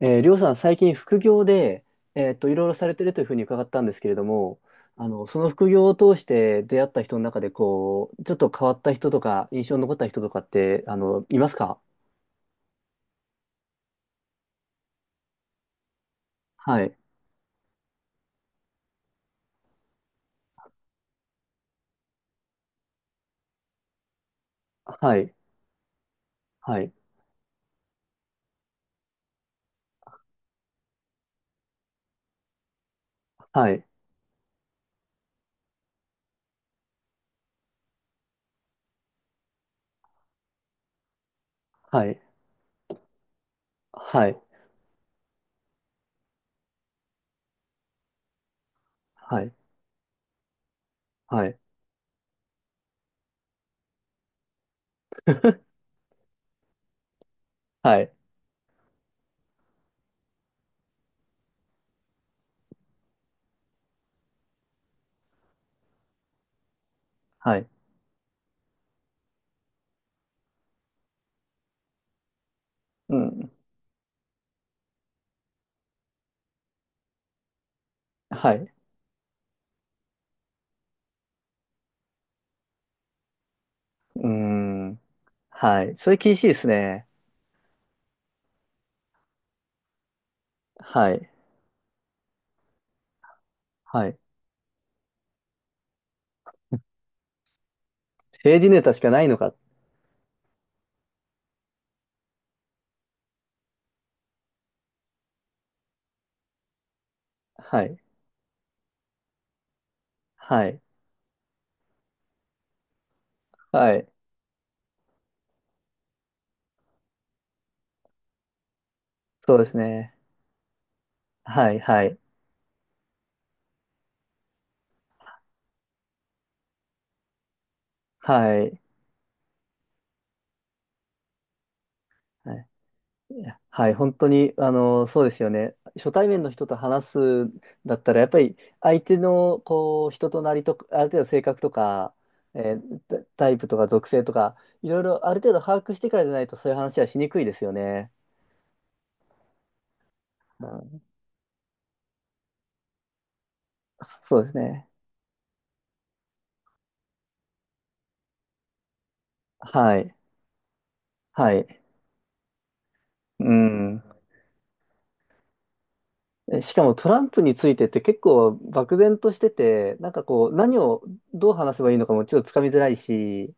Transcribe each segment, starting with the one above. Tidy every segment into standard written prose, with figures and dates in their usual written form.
りょうさん、最近副業で、いろいろされてるというふうに伺ったんですけれども、その副業を通して出会った人の中で、こう、ちょっと変わった人とか、印象に残った人とかって、いますか？はい。はい。はい。はい。はい。はい。はい。はい。はい。はい。うん。はい。うーん。はい。それ厳しいですね。はい。はい。政治ネタしかないのか。はい。はい。はい。そうですね。はい。はい。はい。はい。いやはい、本当に、そうですよね。初対面の人と話すんだったら、やっぱり相手の、こう、人となりとか、ある程度性格とか、タイプとか属性とか、いろいろある程度把握してからじゃないと、そういう話はしにくいですよね。うん、そうですね。はい。はい。うん。しかもトランプについてって結構漠然としてて、なんか何をどう話せばいいのかもちょっとつかみづらいし、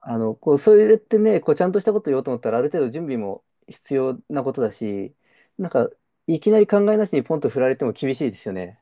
こう、それってね、こう、ちゃんとしたこと言おうと思ったら、ある程度準備も必要なことだし、なんか、いきなり考えなしにポンと振られても厳しいですよね。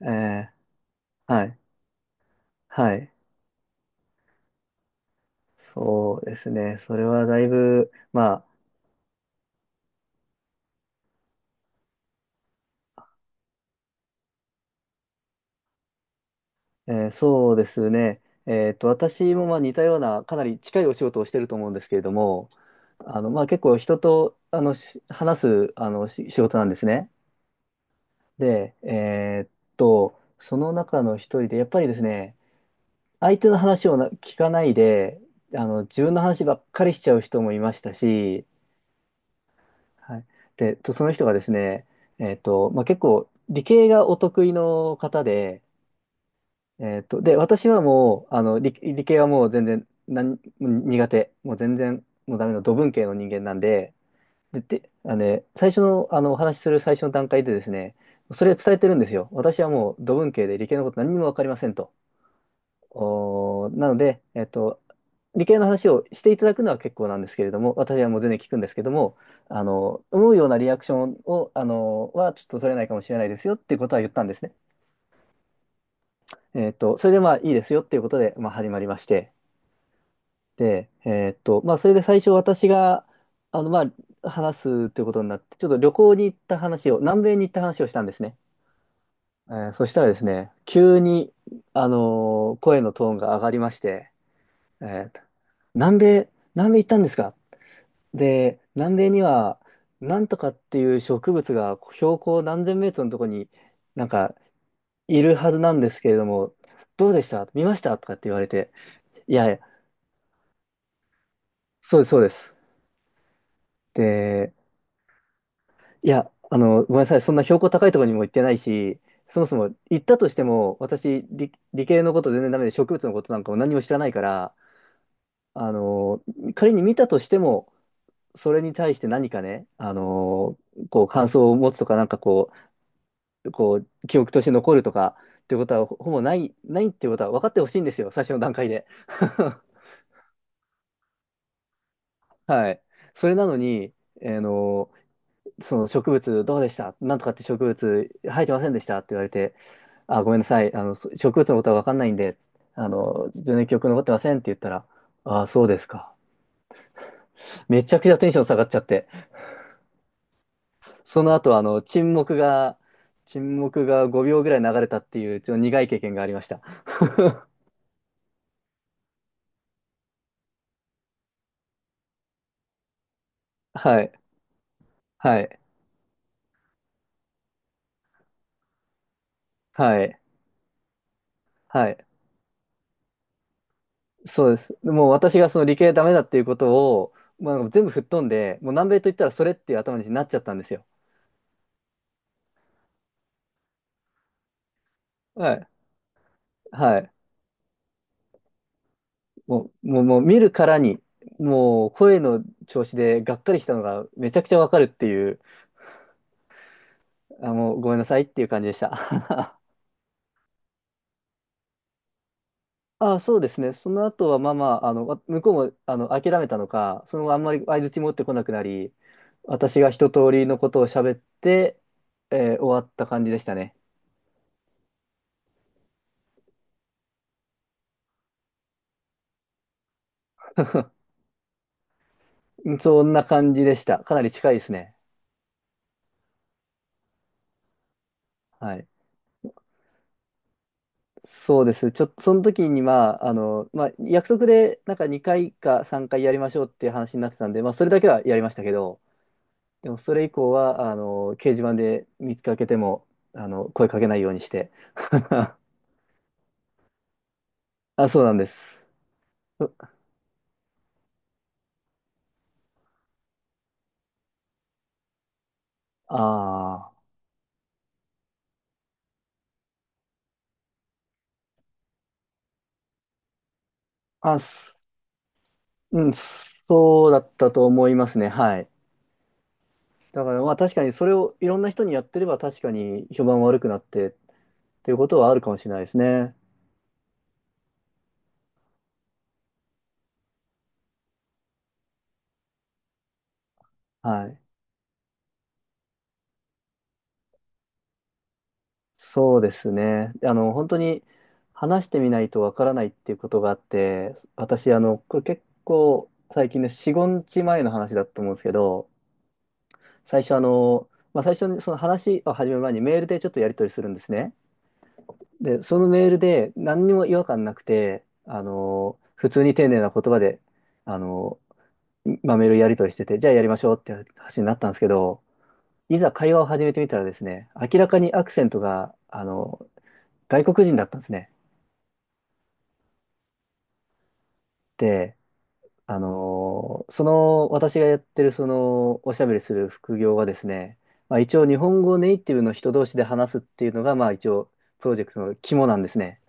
えーはい。はい。そうですね。それはだいぶ、まあ、そうですね。私もまあ似たような、かなり近いお仕事をしてると思うんですけれども、まあ結構人と、話す、仕事なんですね。で、その中の一人で、やっぱりですね、相手の話を聞かないで、自分の話ばっかりしちゃう人もいましたし、はい。で、その人がですね、まあ、結構、理系がお得意の方で、で、私はもう、理系はもう全然、苦手。もう全然、もうダメな、土文系の人間なんで、で、あのね、最初の、お話しする最初の段階でですね、それを伝えてるんですよ。私はもう土文系で理系のこと何にもわかりませんと。なので、理系の話をしていただくのは結構なんですけれども、私はもう全然聞くんですけども、思うようなリアクションを、ちょっと取れないかもしれないですよっていうことは言ったんですね。それでまあいいですよっていうことで、まあ始まりまして、で、まあそれで最初私が、まあ話すっていうことになって、ちょっと旅行に行った話を、南米に行った話をしたんですね。そしたらですね、急に、声のトーンが上がりまして、えーと南米、南米行ったんですか？で、南米には、なんとかっていう植物が標高何千メートルのとこになんかいるはずなんですけれども、どうでした見ましたとかって言われて、いやいや、そうです、そうです。で、いや、ごめんなさい、そんな標高高いところにも行ってないし、そもそも行ったとしても、私、理系のこと全然ダメで、植物のことなんかも何も知らないから、あの、仮に見たとしても、それに対して何かね、こう感想を持つとか、なんかこう、記憶として残るとかってことは、ほぼない、ないってことは分かってほしいんですよ、最初の段階で。はい。それなのに、あのーその植物どうでしたなんとかって植物生えてませんでしたって言われて、あ、ごめんなさい、植物のことは分かんないんで、全然記憶残ってませんって言ったら、あ、そうですか。めちゃくちゃテンション下がっちゃって。その後、沈黙が5秒ぐらい流れたっていう、ちょっと苦い経験がありました。はい、はい、はい、はい。そうです。もう私がその理系ダメだっていうことを、まあ、全部吹っ飛んで、もう南米と言ったらそれっていう頭になっちゃったんですよ。はい、はい。もう、もう、もう見るからに、もう声の調子でがっかりしたのがめちゃくちゃわかるっていう、あ、もうごめんなさいっていう感じでした。あ、そうですね。その後は、まあまあ、向こうも、諦めたのか、その後あんまり相槌持ってこなくなり、私が一通りのことを喋って、終わった感じでしたね。そんな感じでした。かなり近いですね。はい。そうです。ちょっと、その時に、まあ、まあ、約束で、なんか2回か3回やりましょうっていう話になってたんで、まあ、それだけはやりましたけど、でも、それ以降は、掲示板で見つかけても、声かけないようにして。あ、そうなんです。ああ、あ、すうん、そうだったと思いますね。はい。だからまあ確かにそれをいろんな人にやってれば確かに評判悪くなってっていうことはあるかもしれないですね。はい。そうですね。本当に話してみないとわからないっていうことがあって、私、これ結構最近ね、4、5日前の話だと思うんですけど、最初あの、まあ最初にその話を始める前にメールでちょっとやり取りするんですね。で、そのメールで何にも違和感なくて、普通に丁寧な言葉で、あの、まあ、メールやり取りしてて、じゃあやりましょうって話になったんですけど、いざ会話を始めてみたらですね、明らかにアクセントが、外国人だったんですね。で、私がやってるその、おしゃべりする副業はですね、まあ、一応日本語ネイティブの人同士で話すっていうのが、まあ一応、プロジェクトの肝なんですね。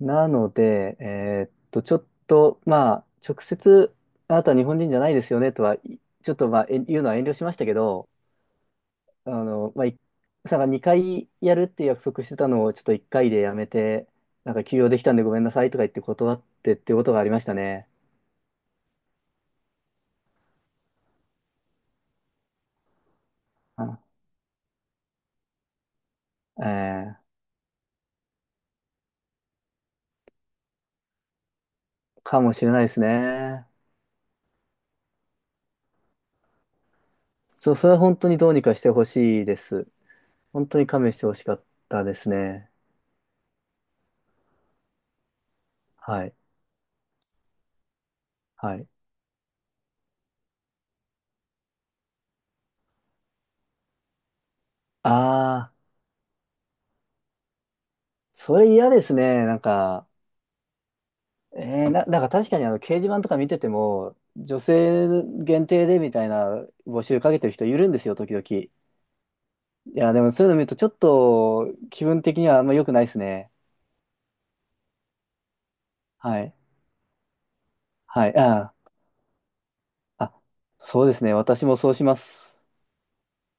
なので、ちょっと、まあ、直接、あなたは日本人じゃないですよねとは、ちょっと、まあ、言うのは遠慮しましたけど、まあ、さん2回やるって約束してたのを、ちょっと1回でやめて、なんか休養できたんでごめんなさいとか言って断ってっていうことがありましたね。あえーかもしれないですね。そう、それは本当にどうにかしてほしいです。本当に勘弁してほしかったですね。はい。はい。ああ、それ嫌ですね。なんか、なんか確かにあの掲示板とか見てても、女性限定でみたいな募集かけてる人いるんですよ、時々。いや、でもそういうの見るとちょっと気分的にはあんま良くないですね。はい。はい。あー、あ、そうですね。私もそうします。